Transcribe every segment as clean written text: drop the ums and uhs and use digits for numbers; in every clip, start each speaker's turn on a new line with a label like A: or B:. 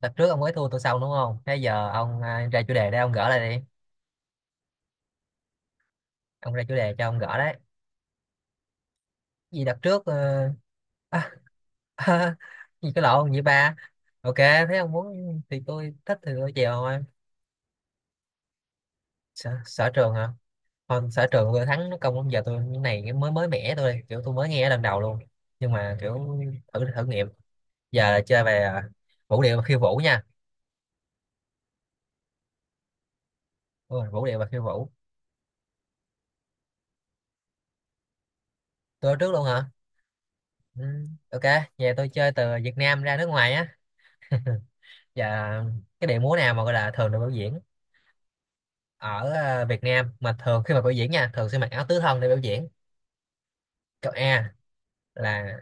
A: Tập trước ông mới thua tôi xong, đúng không? Thế giờ ra chủ đề đây, ông gỡ lại đi. Ông ra chủ đề cho ông gỡ đấy. Gì đợt trước à, à, gì cái lộn vậy ba. Ok, thế ông muốn thì tôi thích thì tôi chèo thôi. Sở trường hả? Không, sở trường vừa thắng nó công, giờ tôi cái này mới mới mẻ, tôi kiểu tôi mới nghe lần đầu luôn. Nhưng mà kiểu thử thử nghiệm. Giờ là chơi về vũ điệu và khiêu vũ nha. Đúng rồi, vũ điệu và khiêu vũ. Tôi ở trước luôn hả? Ừ, ok. Giờ tôi chơi từ Việt Nam ra nước ngoài á. Dạ, cái điệu múa nào mà gọi là thường được biểu diễn ở Việt Nam, mà thường khi mà biểu diễn nha, thường sẽ mặc áo tứ thân để biểu diễn. Câu A là,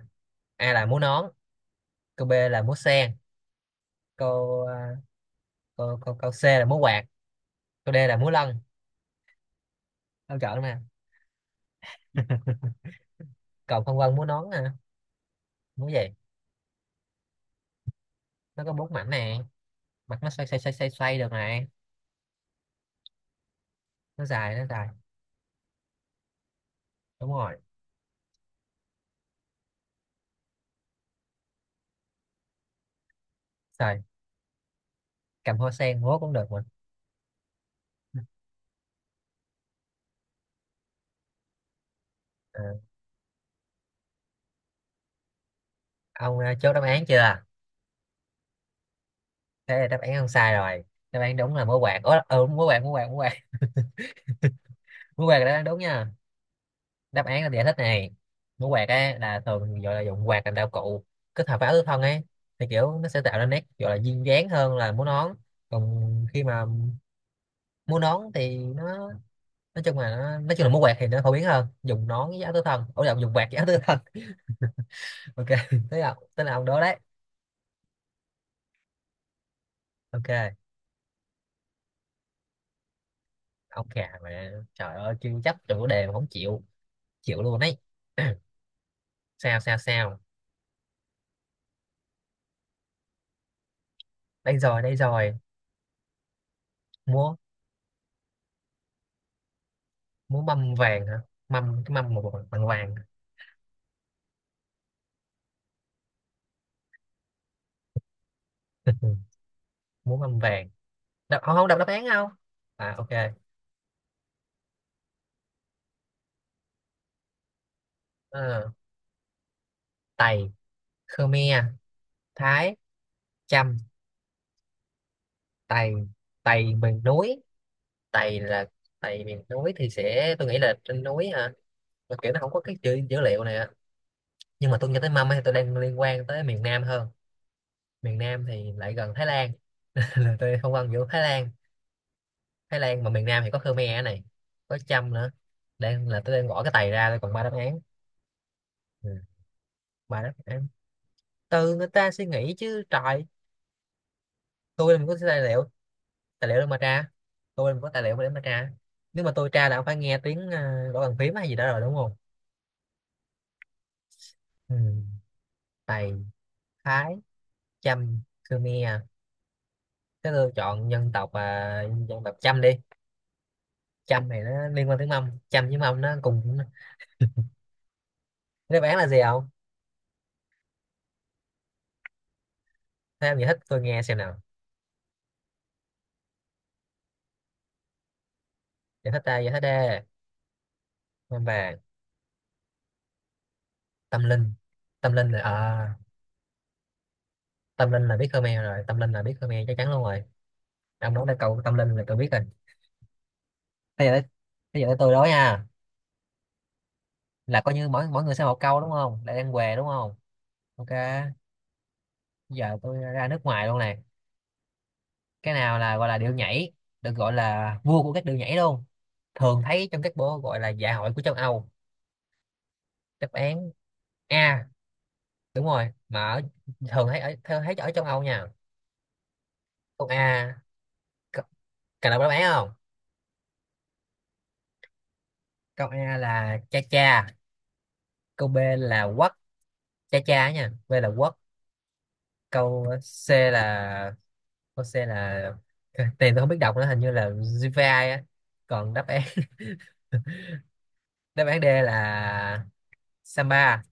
A: A là múa nón, câu B là múa sen, câu ờ, câu C là múa quạt, câu D là múa lân. Câu chọn nè. Cầu Phong Vân múa nón nè, múa gì? Nó có bốn mảnh nè, mặt nó xoay xoay xoay xoay xoay được này, nó dài, nó dài. Đúng rồi. Rồi, cầm hoa sen múa cũng được mà. Ờ, chốt đáp án chưa? Thế là đáp án không sai rồi. Đáp án đúng là múa quạt. Ủa, ừ, múa quạt, múa quạt, múa quạt. Mũ quạt đó đúng nha, đáp án là giải thích này. Mũ quạt á là thường gọi là dụng quạt làm đạo cụ kết hợp với áo tứ thân ấy, thì kiểu nó sẽ tạo ra nét gọi là duyên dáng hơn là mũ nón. Còn khi mà mũ nón thì nó, nói chung là nó, nói chung là mũ quạt thì nó phổ biến hơn dùng nón với áo tứ thân, ủa lộn, dùng quạt với áo tứ thân. Ok, thế là, thế là ông đó đấy. Ok, ông khà mà trời ơi, chưa chấp trong chủ đề mà không chịu, chịu luôn đấy. Sao sao sao, đây rồi đây rồi. Múa, múa mâm vàng hả? Mâm, cái mâm mà bằng, bằng vàng. Muốn âm vàng. Đọc, không không, đọc đáp án không? À, ok. Ờ, Tày, Khmer, Thái, Chăm. Tày, Tày miền núi. Tày là Tày miền núi thì sẽ, tôi nghĩ là trên núi hả, mà kiểu nó không có cái chữ dữ liệu này á. Nhưng mà tôi nhớ tới mâm ấy, tôi đang liên quan tới miền Nam hơn. Miền Nam thì lại gần Thái Lan, là tôi không ăn giữa Thái Lan. Thái Lan mà miền Nam thì có Khmer ở này, có Chăm nữa. Đang là tôi đang gõ cái Tày ra, tôi còn ba đáp án. Ừ, ba đáp án. Từ người ta suy nghĩ chứ trời. Tôi làm có tài liệu, tài liệu để mà tra. Tôi làm có tài liệu để mà tra. Nếu mà tôi tra là ông phải nghe tiếng gõ bàn phím hay gì đó rồi, đúng không? Ừ. Tày, Thái, Chăm, Khmer. Thế tôi chọn dân tộc Chăm đi. Chăm này nó liên quan tiếng Mông, Chăm với Mông nó cùng. Đáp án là gì không? Thế ông giải thích tôi nghe xem nào. Giải thích ta, giải thích đê. Mông vàng. Tâm linh, tâm linh là tâm linh là biết Khmer rồi, tâm linh là biết Khmer chắc chắn luôn rồi. Ông nói là câu tâm linh là tôi biết rồi. Thế giờ tới, thế giờ tới tôi đó nha. Là coi như mỗi mỗi người sẽ một câu đúng không, lại đang què đúng không? Ok. Giờ tôi ra nước ngoài luôn này. Cái nào là gọi là điệu nhảy được gọi là vua của các điệu nhảy luôn, thường thấy trong các bộ gọi là dạ hội của châu Âu? Đáp án A, đúng rồi mà ở, thường thấy ở châu Âu nha. Câu A, c-, cần đọc đáp án không? Câu A là cha cha, câu B là quất, cha cha nha, B là quất. Câu C là Jose là, tên tôi không biết đọc nữa, hình như là Jivai á. Còn đáp án, đáp án D là Samba.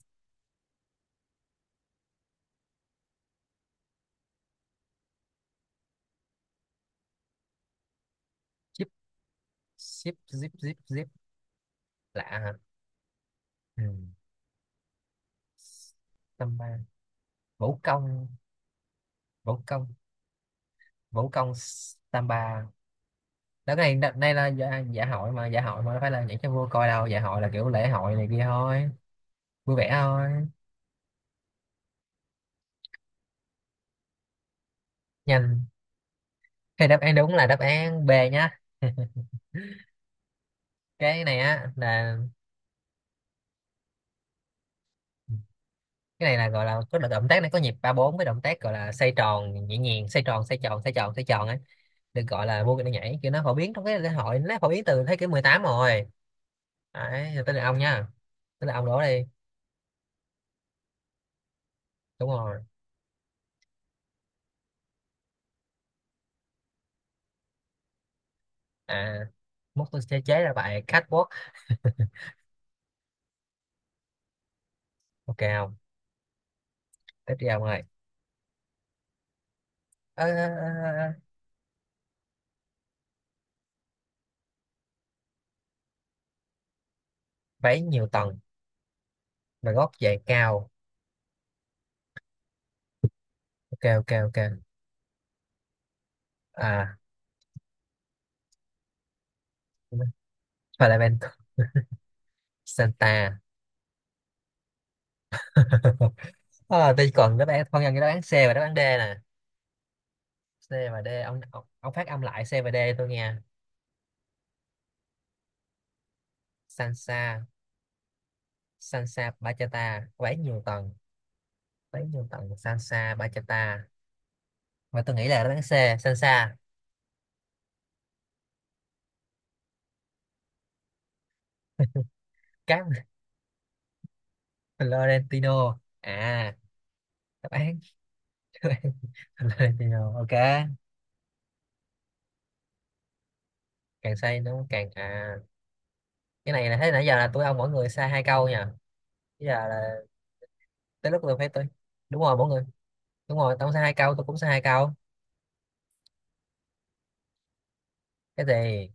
A: Zip zip zip zip zip. Lạ hả? Ừ. Samba. Vũ công, vũ công, vũ công. Samba. Đó, cái này đợt này là dạ, dạ hội mà, dạ hội mà đâu phải là nhảy cho vua coi đâu, dạ hội là kiểu lễ hội này kia thôi, vui vẻ thôi. Nhanh. Thế đáp án đúng là đáp án B nhá. Cái này á là, cái này là gọi là có động tác này, có nhịp ba bốn với động tác gọi là xoay tròn nhẹ nhàng, xoay tròn xoay tròn xoay tròn xoay tròn ấy, được gọi là vô cái nhảy kiểu nó phổ biến trong cái lễ hội, nó phổ biến từ thế kỷ 18 rồi. Đấy, rồi tới là ông nha, tới là ông đổ đi. Đúng rồi. À, mốt tôi sẽ chế ra bài catwalk. Ok không, tiếp đi ông ơi. Ơ, ơ, ơ, ơ, váy nhiều tầng và gót giày cao. Ok ok ok. À, Valentine, Santa. À, tôi còn đáp án phân nhân cái đáp án C và đáp án D nè. C và D ông, ông phát âm lại C và D tôi nghe. Sansa. Sansa, Bachata có nhiều tầng, bán nhiều tầng. Sansa, Bachata. Và tôi nghĩ là đáp án C, Sansa. Cáp. Florentino à? Đáp án, đáp án Florentino, ok. Càng say nó càng cái này là thấy nãy giờ là tôi ông mỗi người sai hai câu nha. Bây giờ là tới lúc tôi phải tôi. Đúng rồi, mỗi người. Đúng rồi, ông sai hai câu, tôi cũng sai hai câu. Cái gì.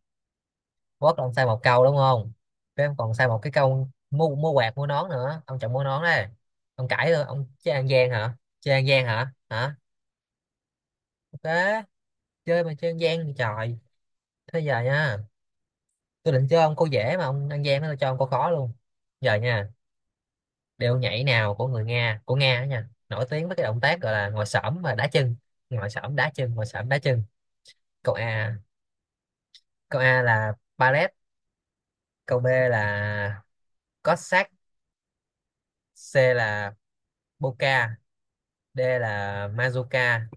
A: Vót là ông sai một câu đúng không, với em còn sai một cái câu mua, mua quạt mua nón nữa, ông chọn mua nón đấy. Ông cãi rồi, ông chơi ăn gian hả, chơi ăn gian hả hả? Ok. Chơi mà chơi ăn gian thì trời. Thế giờ nha, tôi định cho ông câu dễ mà ông ăn gian nó, cho ông câu khó luôn. Giờ nha, điệu nhảy nào của người Nga, của Nga đó nha, nổi tiếng với cái động tác gọi là ngồi xổm và đá chân, ngồi xổm đá chân ngồi xổm đá chân. Câu A, câu A là ballet, câu B là Cossack, C là Polka, D là Mazuka.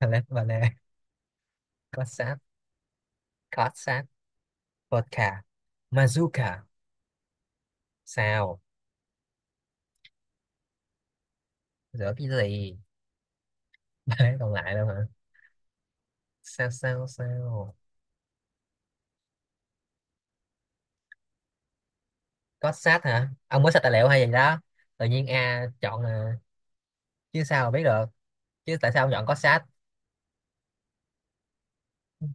A: Lát và là cốt sát, cốt sát, vodka, Mazuka. Sao, rửa cái gì, ba cái còn lại đâu hả? Sao sao sao. Cốt sát hả? Ông có sạch tài liệu hay gì đó, tự nhiên A chọn là, chứ sao mà biết được, chứ tại sao ông chọn cốt sát,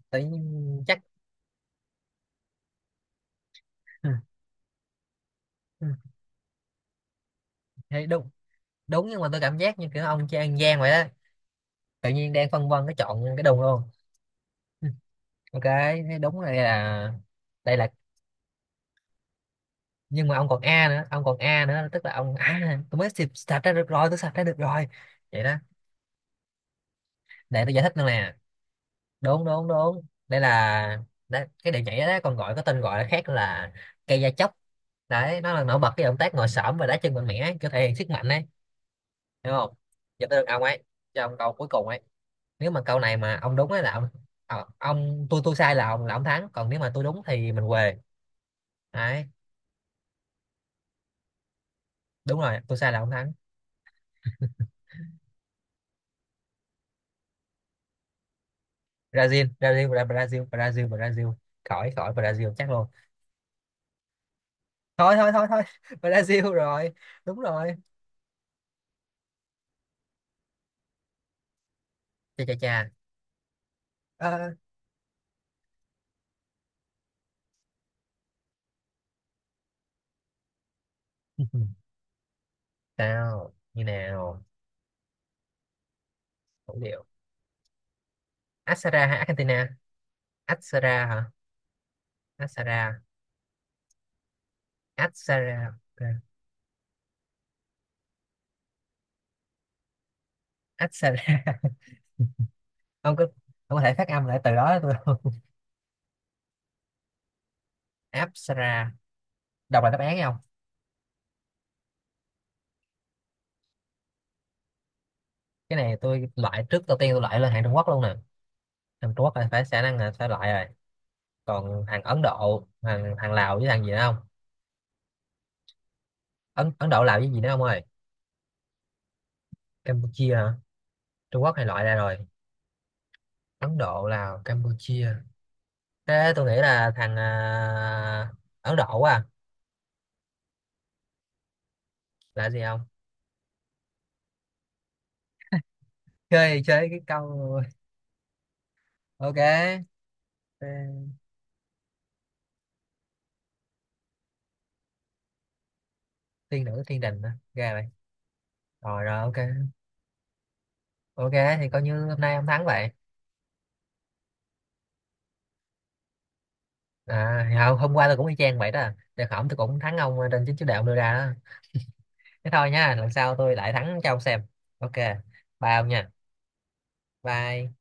A: tự nhiên chắc. Ừ, ừ, thấy đúng, đúng. Nhưng mà tôi cảm giác như kiểu ông chơi ăn gian vậy đó, tự nhiên đang phân vân cái chọn cái đùng luôn. Ừ, ok. Thế đúng là đây là, đây là. Nhưng mà ông còn a nữa, ông còn a nữa, tức là ông tôi mới sạch, sạch ra được rồi, tôi sạch ra được rồi vậy đó. Để tôi giải thích nữa nè. Đúng đúng đúng, đây là, đấy, cái điệu nhảy đó còn gọi có tên gọi là khác là cây da chóc đấy, nó là nổi bật cái động tác ngồi xổm và đá chân mạnh mẽ, kiểu thể hiện sức mạnh đấy, hiểu không. Giờ tới được ông ấy, cho ông câu cuối cùng ấy. Nếu mà câu này mà ông đúng ấy là ông, ông tôi sai là ông, là ông thắng, còn nếu mà tôi đúng thì mình què, đấy. Đúng rồi, tôi sai là ông thắng. Brazil Brazil Brazil Brazil Brazil. Khỏi khỏi, Brazil chắc luôn. Thôi thôi thôi thôi, Brazil rồi. Đúng rồi. Chà chà chà. Ờ, sao như nào. Thủ điệu Asara hay Argentina? Asara hả? Asara, Asara, Asara. Ông có, ông có thể phát âm lại từ đó cho tôi không? Apsara. Đọc lại đáp án không? Cái này tôi loại trước đầu tiên, tôi loại lên hàng Trung Quốc luôn nè, hàng Trung Quốc là phải khả năng là phải loại rồi. Còn hàng Ấn Độ, hàng hàng Lào với hàng gì nữa không. Ấn Ấn Độ làm cái gì nữa ông ơi. Campuchia hả? Trung Quốc hay loại ra rồi. Ấn Độ, Lào, Campuchia. Thế tôi nghĩ là Ấn Độ quá à. Là gì không? Chơi, chơi cái câu. Ok. Ờ, tiên nữ thiên đình hả? Ra vậy. Rồi rồi ok. Ok, thì coi như hôm nay ông thắng vậy. À, thì hôm hôm qua tôi cũng y chang vậy đó, để hỏng tôi cũng thắng trên chính chủ đề ông đưa ra đó. Thế thôi nha, lần sau tôi lại thắng cho ông xem. Ok, bye ông nha. Bye.